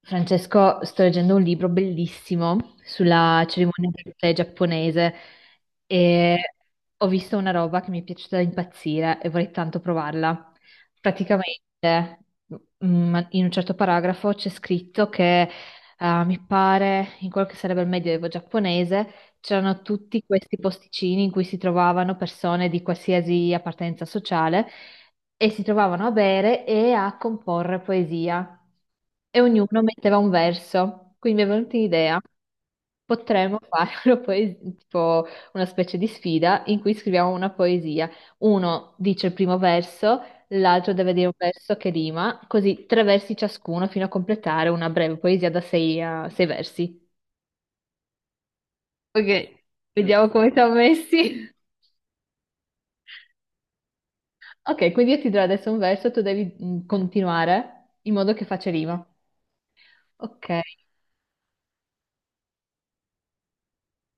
Francesco, sto leggendo un libro bellissimo sulla cerimonia del tè giapponese e ho visto una roba che mi è piaciuta da impazzire e vorrei tanto provarla. Praticamente, in un certo paragrafo c'è scritto che, mi pare, in quello che sarebbe il medioevo giapponese, c'erano tutti questi posticini in cui si trovavano persone di qualsiasi appartenenza sociale e si trovavano a bere e a comporre poesia. E ognuno metteva un verso. Quindi mi è venuta un'idea. Potremmo fare tipo una specie di sfida in cui scriviamo una poesia. Uno dice il primo verso, l'altro deve dire un verso che rima, così tre versi ciascuno fino a completare una breve poesia da sei, a sei versi. Ok, vediamo come siamo messi. Ok, quindi io ti do adesso un verso, tu devi continuare in modo che faccia rima. Ok,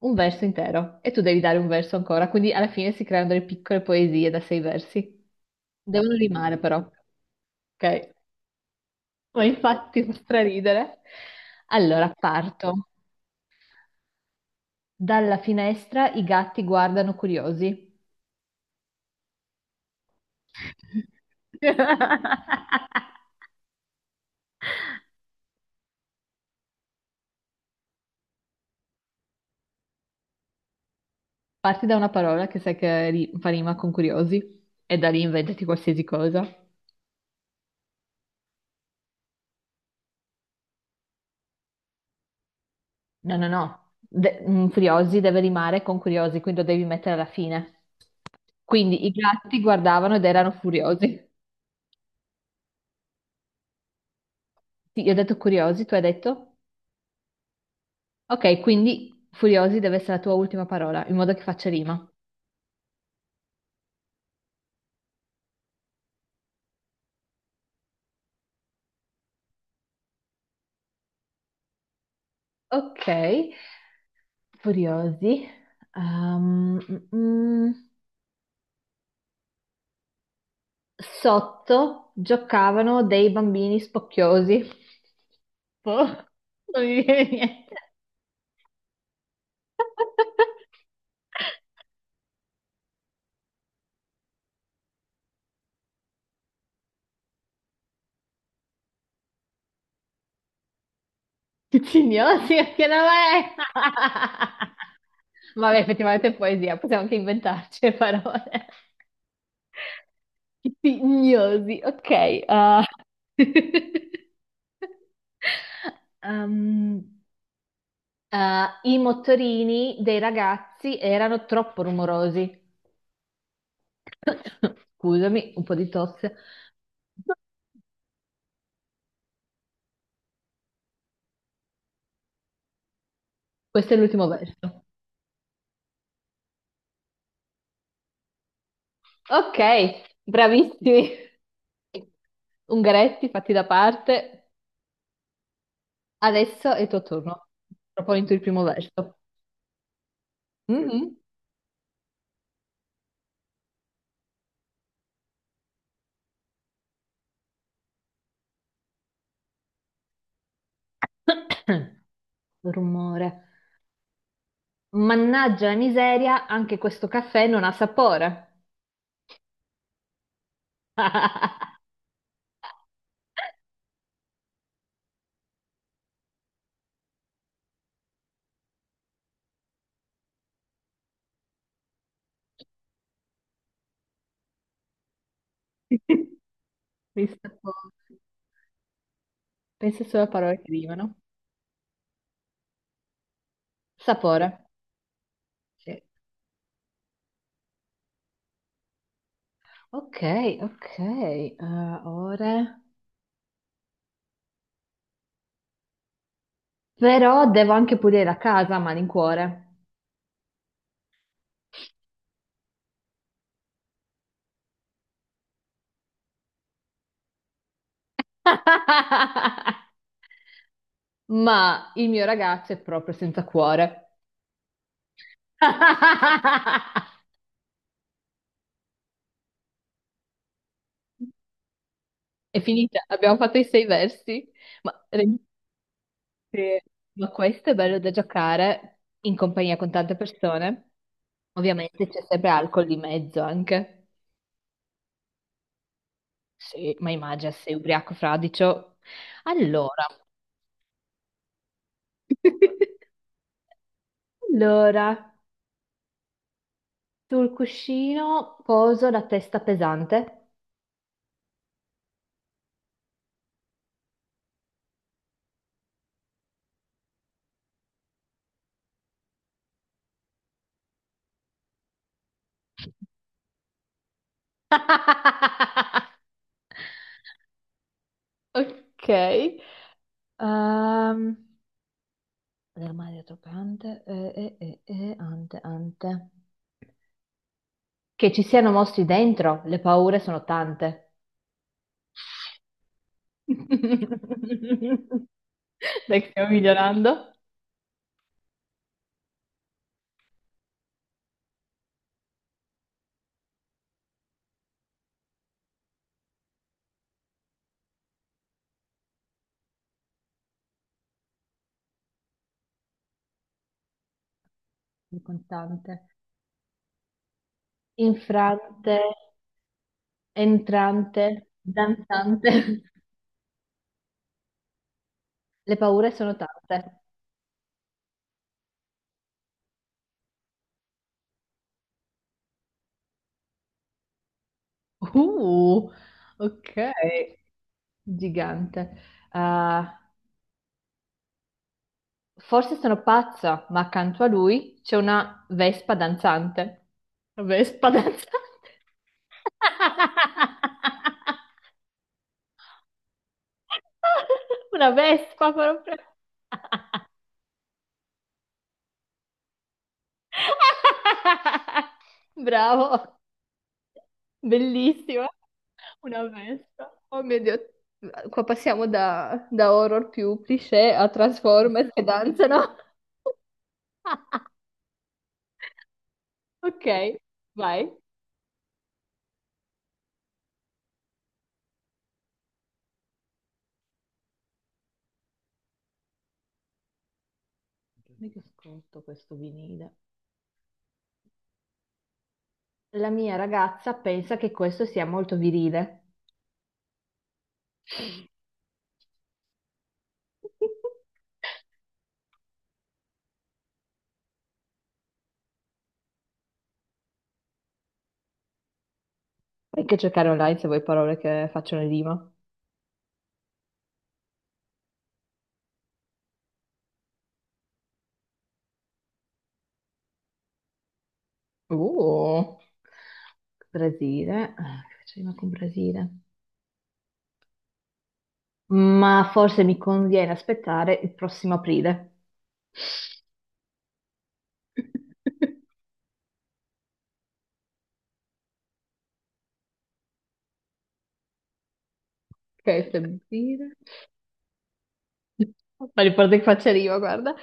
un verso intero e tu devi dare un verso ancora, quindi alla fine si creano delle piccole poesie da sei versi. Devono rimare però, ok? Ma infatti fa straridere. Allora, parto. Dalla finestra i gatti guardano curiosi. Parti da una parola che sai che fa rima con curiosi e da lì inventati qualsiasi cosa. No, no, no. Furiosi deve rimare con curiosi, quindi lo devi mettere alla fine. Quindi i gatti guardavano ed erano furiosi. Sì, io ho detto curiosi, tu hai detto? Ok, quindi furiosi deve essere la tua ultima parola, in modo che faccia rima. Ok, furiosi. Ehm, mm, mm. Sotto giocavano dei bambini spocchiosi. Boh, non mi viene niente. Ticignosi, che nome è? Vabbè, effettivamente è poesia, possiamo anche inventarci le parole. Ticignosi, ok. Ah. Um, ah, i motorini dei ragazzi erano troppo rumorosi. Scusami, un po' di tosse. Questo è l'ultimo verso. Ok, bravissimi. Ungaretti, fatti da parte. Adesso è il tuo turno. Proponiti il primo verso. Mhm. Rumore. Mannaggia la miseria, anche questo caffè non ha sapore. Mi sapore. Pensa solo a parole che rimano. Sapore. Sì. Ok, ok. Ore. Però devo anche pulire la casa a malincuore. Ma il mio ragazzo è proprio senza cuore. È finita, abbiamo fatto i sei versi. Ma, rendi- sì. Ma questo è bello da giocare in compagnia con tante persone. Ovviamente c'è sempre alcol di mezzo anche. Sì, ma immagina sei ubriaco fradicio. Allora, allora, sul cuscino poso la testa pesante. Ok. Ehm, del mare tropicante, ante. Che ci siano mostri dentro, le paure sono tante. Dai, che stiamo migliorando. Contante, infrante, entrante, danzante. Le paure sono tante. Uh, ok, gigante. Ah, forse sono pazza, ma accanto a lui c'è una vespa danzante. Vespa danzante? Una vespa proprio. Bravo, bellissima. Una vespa. Oh mio Dio, qua passiamo da, da horror più cliché a Transformers che danzano. Ok, vai. Dammi che ascolto questo vinile. La mia ragazza pensa che questo sia molto virile. Puoi anche cercare online se vuoi parole che facciano rima. Uh, Brasile, ah, che faccio rima con Brasile. Ma forse mi conviene aspettare il prossimo aprile. Ok, febbraio. Ma riporta che faccia rima, guarda.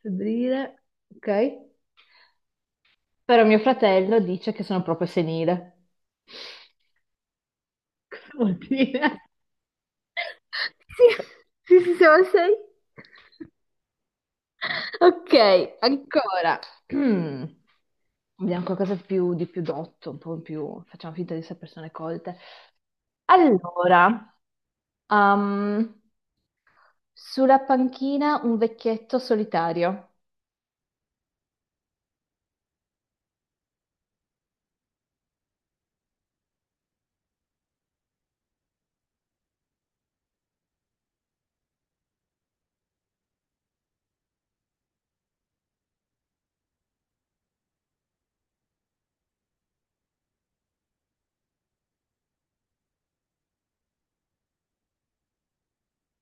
Febbraio, ok. Però mio fratello dice che sono proprio senile. Cosa vuol dire? Sì, sì, sì, siamo a sei. Ok, ancora. Mm. Vediamo di più dotto, un po' più... Facciamo finta di essere persone colte. Allora, ehm, sulla panchina un vecchietto solitario.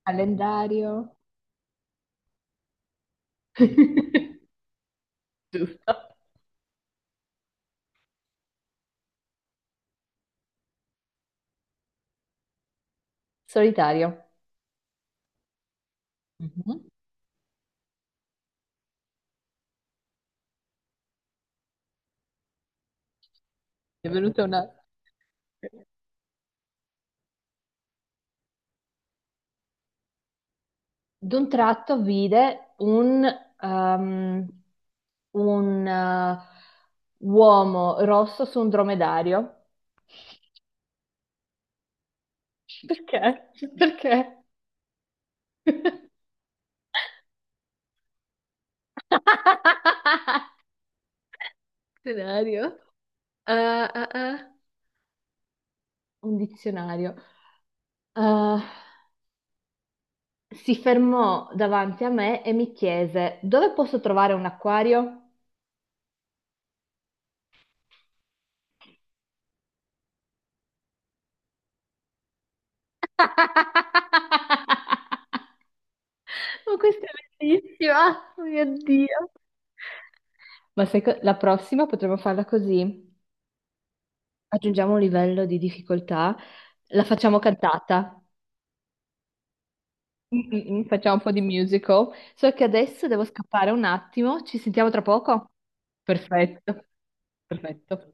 Calendario. Giusto. Solitario. Mhm. Mi è venuta una... d'un tratto vide un, ehm, un eh, uomo rosso su un dromedario. Perché? Perché? Scenario. Ah, ah, ah. Un dizionario. Eh, si fermò davanti a me e mi chiese: Dove posso trovare un acquario? Ma questa è bellissima, oh mio Dio. Ma la prossima potremmo farla così. Aggiungiamo un livello di difficoltà, la facciamo cantata, mm, mm, mm, facciamo un po' di musical. So che adesso devo scappare un attimo, ci sentiamo tra poco? Perfetto, perfetto.